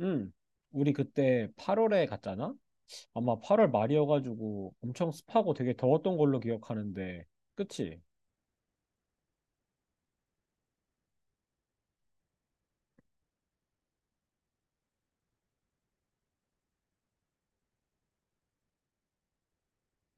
응. 우리 그때 8월에 갔잖아? 아마 8월 말이어가지고 엄청 습하고 되게 더웠던 걸로 기억하는데, 그치?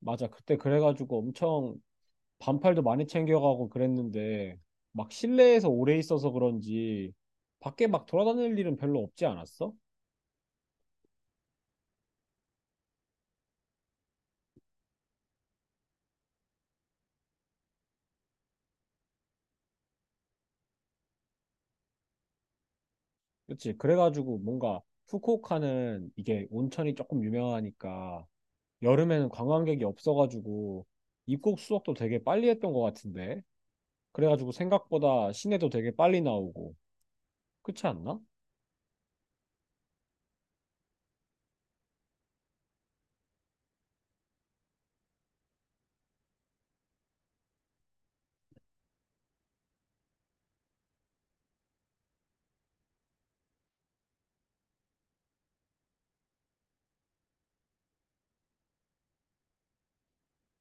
맞아. 그때 그래가지고 엄청 반팔도 많이 챙겨가고 그랬는데, 막 실내에서 오래 있어서 그런지 밖에 막 돌아다닐 일은 별로 없지 않았어? 그치? 그래가지고 뭔가 후쿠오카는 이게 온천이 조금 유명하니까 여름에는 관광객이 없어가지고 입국 수속도 되게 빨리 했던 것 같은데. 그래가지고 생각보다 시내도 되게 빨리 나오고 그렇지 않나?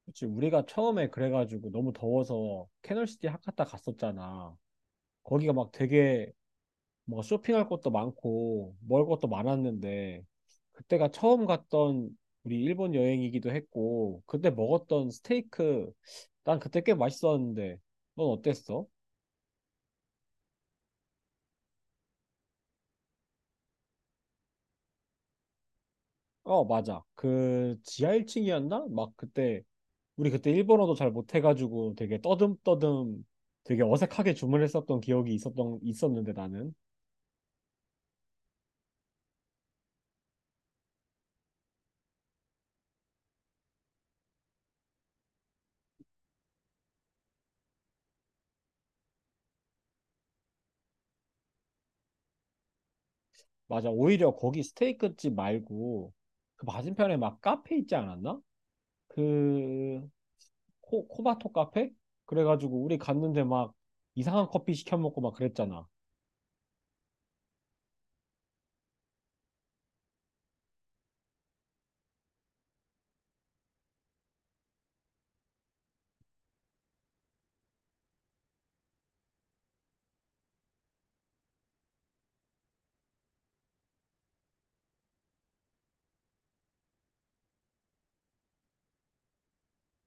그치, 우리가 처음에 그래가지고 너무 더워서 캐널시티 하카타 갔었잖아. 거기가 막 되게 뭐 쇼핑할 것도 많고 먹을 것도 많았는데, 그때가 처음 갔던 우리 일본 여행이기도 했고, 그때 먹었던 스테이크 난 그때 꽤 맛있었는데 넌 어땠어? 어, 맞아. 그 지하 1층이었나? 막 그때 우리 그때 일본어도 잘 못해가지고 되게 떠듬떠듬 되게 어색하게 주문했었던 기억이 있었던 있었는데 나는. 맞아, 오히려 거기 스테이크집 말고 그 맞은편에 막 카페 있지 않았나? 그 코바토 카페? 그래가지고 우리 갔는데 막 이상한 커피 시켜 먹고 막 그랬잖아.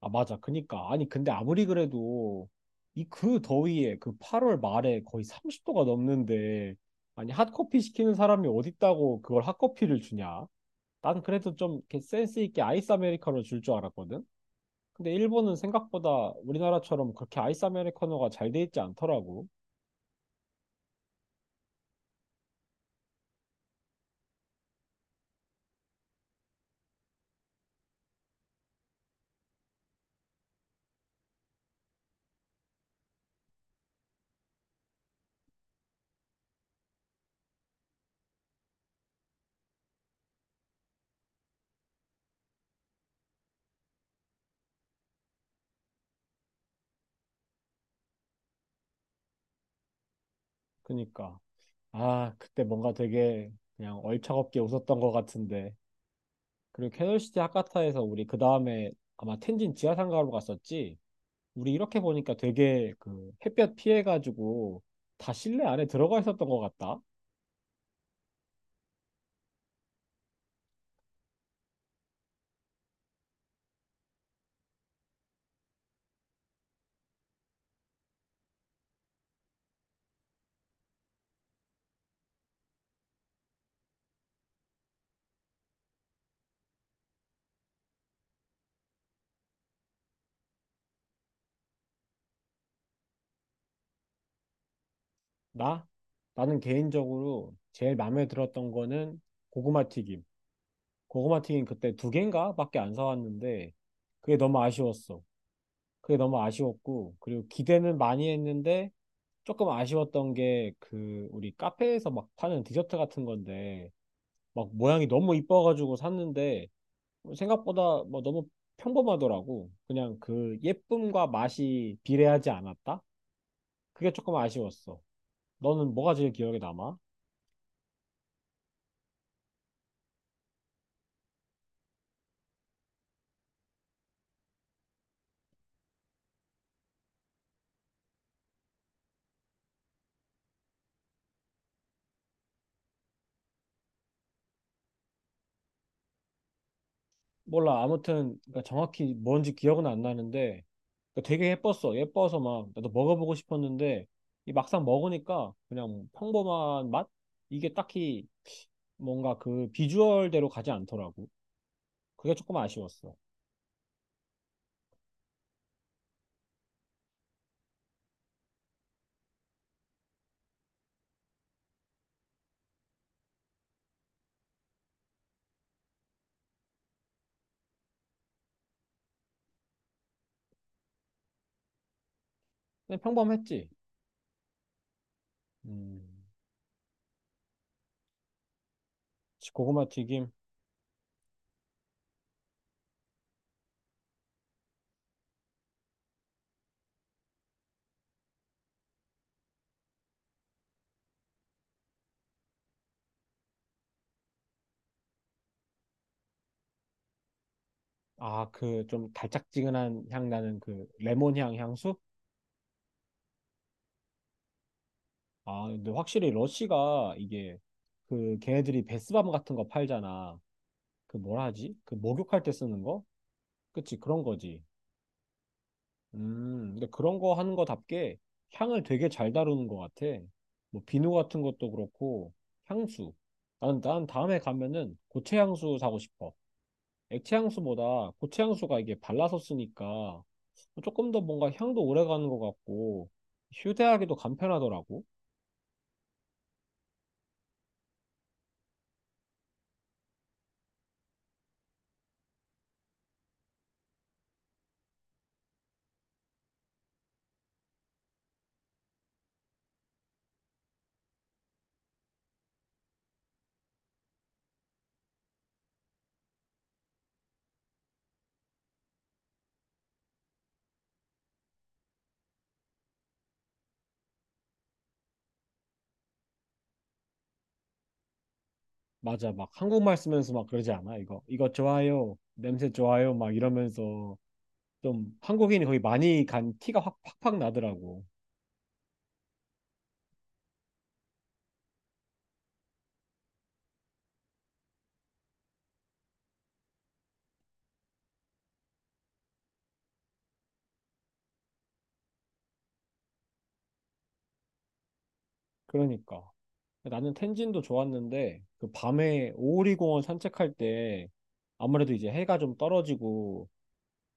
아, 맞아. 그니까 아니 근데 아무리 그래도 이 그 더위에 그 8월 말에 거의 30도가 넘는데, 아니 핫커피 시키는 사람이 어딨다고 그걸 핫커피를 주냐? 난 그래도 좀 이렇게 센스 있게 아이스 아메리카노 줄 줄 알았거든. 근데 일본은 생각보다 우리나라처럼 그렇게 아이스 아메리카노가 잘 돼 있지 않더라고. 그니까. 아, 그때 뭔가 되게 그냥 얼차겁게 웃었던 것 같은데. 그리고 캐널시티 하카타에서 우리 그 다음에 아마 텐진 지하상가로 갔었지. 우리 이렇게 보니까 되게 그 햇볕 피해가지고 다 실내 안에 들어가 있었던 것 같다. 나 나는 개인적으로 제일 마음에 들었던 거는 고구마 튀김. 고구마 튀김 그때 두 개인가밖에 안 사왔는데 그게 너무 아쉬웠어. 그게 너무 아쉬웠고, 그리고 기대는 많이 했는데 조금 아쉬웠던 게 그 우리 카페에서 막 파는 디저트 같은 건데 막 모양이 너무 이뻐가지고 샀는데 생각보다 뭐 너무 평범하더라고. 그냥 그 예쁨과 맛이 비례하지 않았다? 그게 조금 아쉬웠어. 너는 뭐가 제일 기억에 남아? 몰라. 아무튼 그러니까 정확히 뭔지 기억은 안 나는데, 그러니까 되게 예뻤어. 예뻐서 막 나도 먹어보고 싶었는데 이 막상 먹으니까 그냥 평범한 맛? 이게 딱히 뭔가 그 비주얼대로 가지 않더라고. 그게 조금 아쉬웠어. 그냥 평범했지. 음, 고구마 튀김. 아, 그 좀 달짝지근한 향 나는 그 레몬 향 향수? 아, 근데 확실히 러쉬가 이게 그 걔네들이 베스밤 같은 거 팔잖아. 그 뭐라 하지? 그 목욕할 때 쓰는 거? 그치, 그런 거지. 근데 그런 거 하는 거답게 향을 되게 잘 다루는 것 같아. 뭐, 비누 같은 것도 그렇고, 향수. 난 다음에 가면은 고체 향수 사고 싶어. 액체 향수보다 고체 향수가 이게 발라서 쓰니까 조금 더 뭔가 향도 오래 가는 것 같고, 휴대하기도 간편하더라고. 맞아, 막 한국말 쓰면서 막 그러지 않아? 이거, 이거 좋아요. 냄새 좋아요. 막 이러면서 좀 한국인이 거의 많이 간 티가 확, 팍팍 나더라고. 그러니까. 나는 텐진도 좋았는데 그 밤에 오오리 공원 산책할 때 아무래도 이제 해가 좀 떨어지고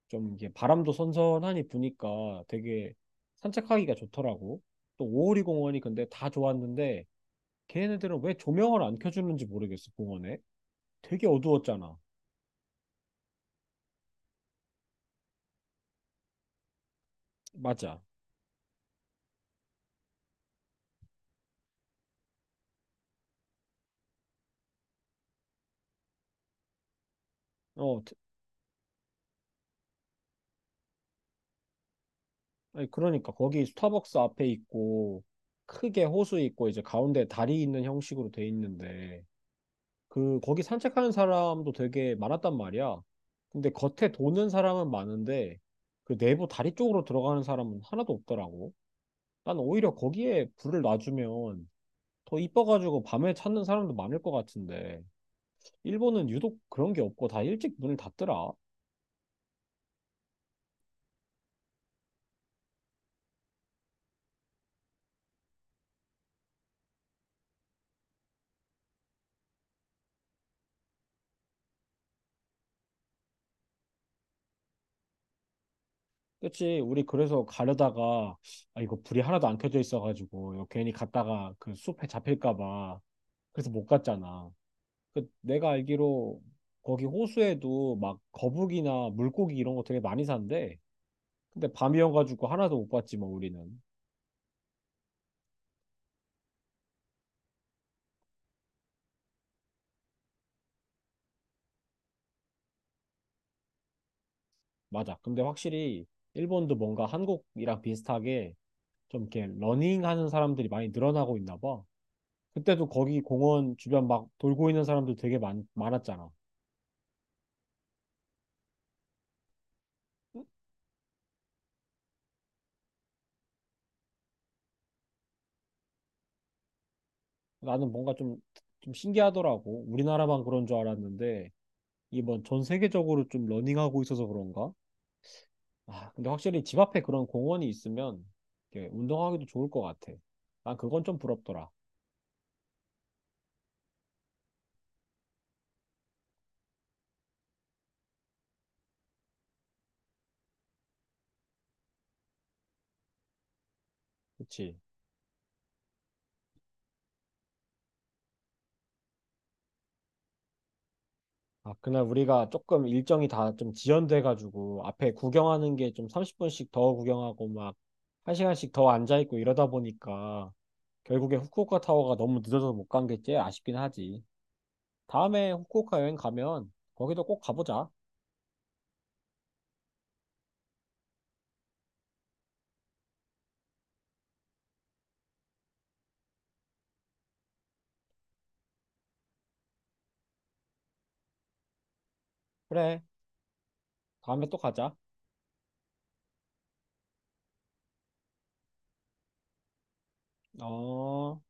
좀 이게 바람도 선선하니 부니까 되게 산책하기가 좋더라고. 또 오오리 공원이 근데 다 좋았는데 걔네들은 왜 조명을 안 켜주는지 모르겠어 공원에. 되게 어두웠잖아. 맞아. 어 트- 아니, 그러니까 거기 스타벅스 앞에 있고 크게 호수 있고 이제 가운데 다리 있는 형식으로 돼 있는데 그 거기 산책하는 사람도 되게 많았단 말이야. 근데 겉에 도는 사람은 많은데 그 내부 다리 쪽으로 들어가는 사람은 하나도 없더라고. 난 오히려 거기에 불을 놔주면 더 이뻐가지고 밤에 찾는 사람도 많을 것 같은데 일본은 유독 그런 게 없고 다 일찍 문을 닫더라. 그치? 우리 그래서 가려다가 아 이거 불이 하나도 안 켜져 있어가지고 이거 괜히 갔다가 그 숲에 잡힐까 봐 그래서 못 갔잖아. 그 내가 알기로 거기 호수에도 막 거북이나 물고기 이런 거 되게 많이 산대. 근데 밤이어가지고 하나도 못 봤지 뭐 우리는. 맞아. 근데 확실히 일본도 뭔가 한국이랑 비슷하게 좀 이렇게 러닝하는 사람들이 많이 늘어나고 있나 봐. 그때도 거기 공원 주변 막 돌고 있는 사람들 되게 많았잖아. 나는 뭔가 좀 신기하더라고. 우리나라만 그런 줄 알았는데 이게 뭐 전 세계적으로 좀 러닝하고 있어서 그런가? 아, 근데 확실히 집 앞에 그런 공원이 있으면 이렇게 운동하기도 좋을 것 같아. 난 그건 좀 부럽더라. 그치? 아, 그날 우리가 조금 일정이 다 좀 지연돼가지고 앞에 구경하는 게 좀 30분씩 더 구경하고 막 1시간씩 더 앉아있고 이러다 보니까 결국에 후쿠오카 타워가 너무 늦어서 못 간 게 제일 아쉽긴 하지. 다음에 후쿠오카 여행 가면 거기도 꼭 가보자. 그래. 다음에 또 가자. 어.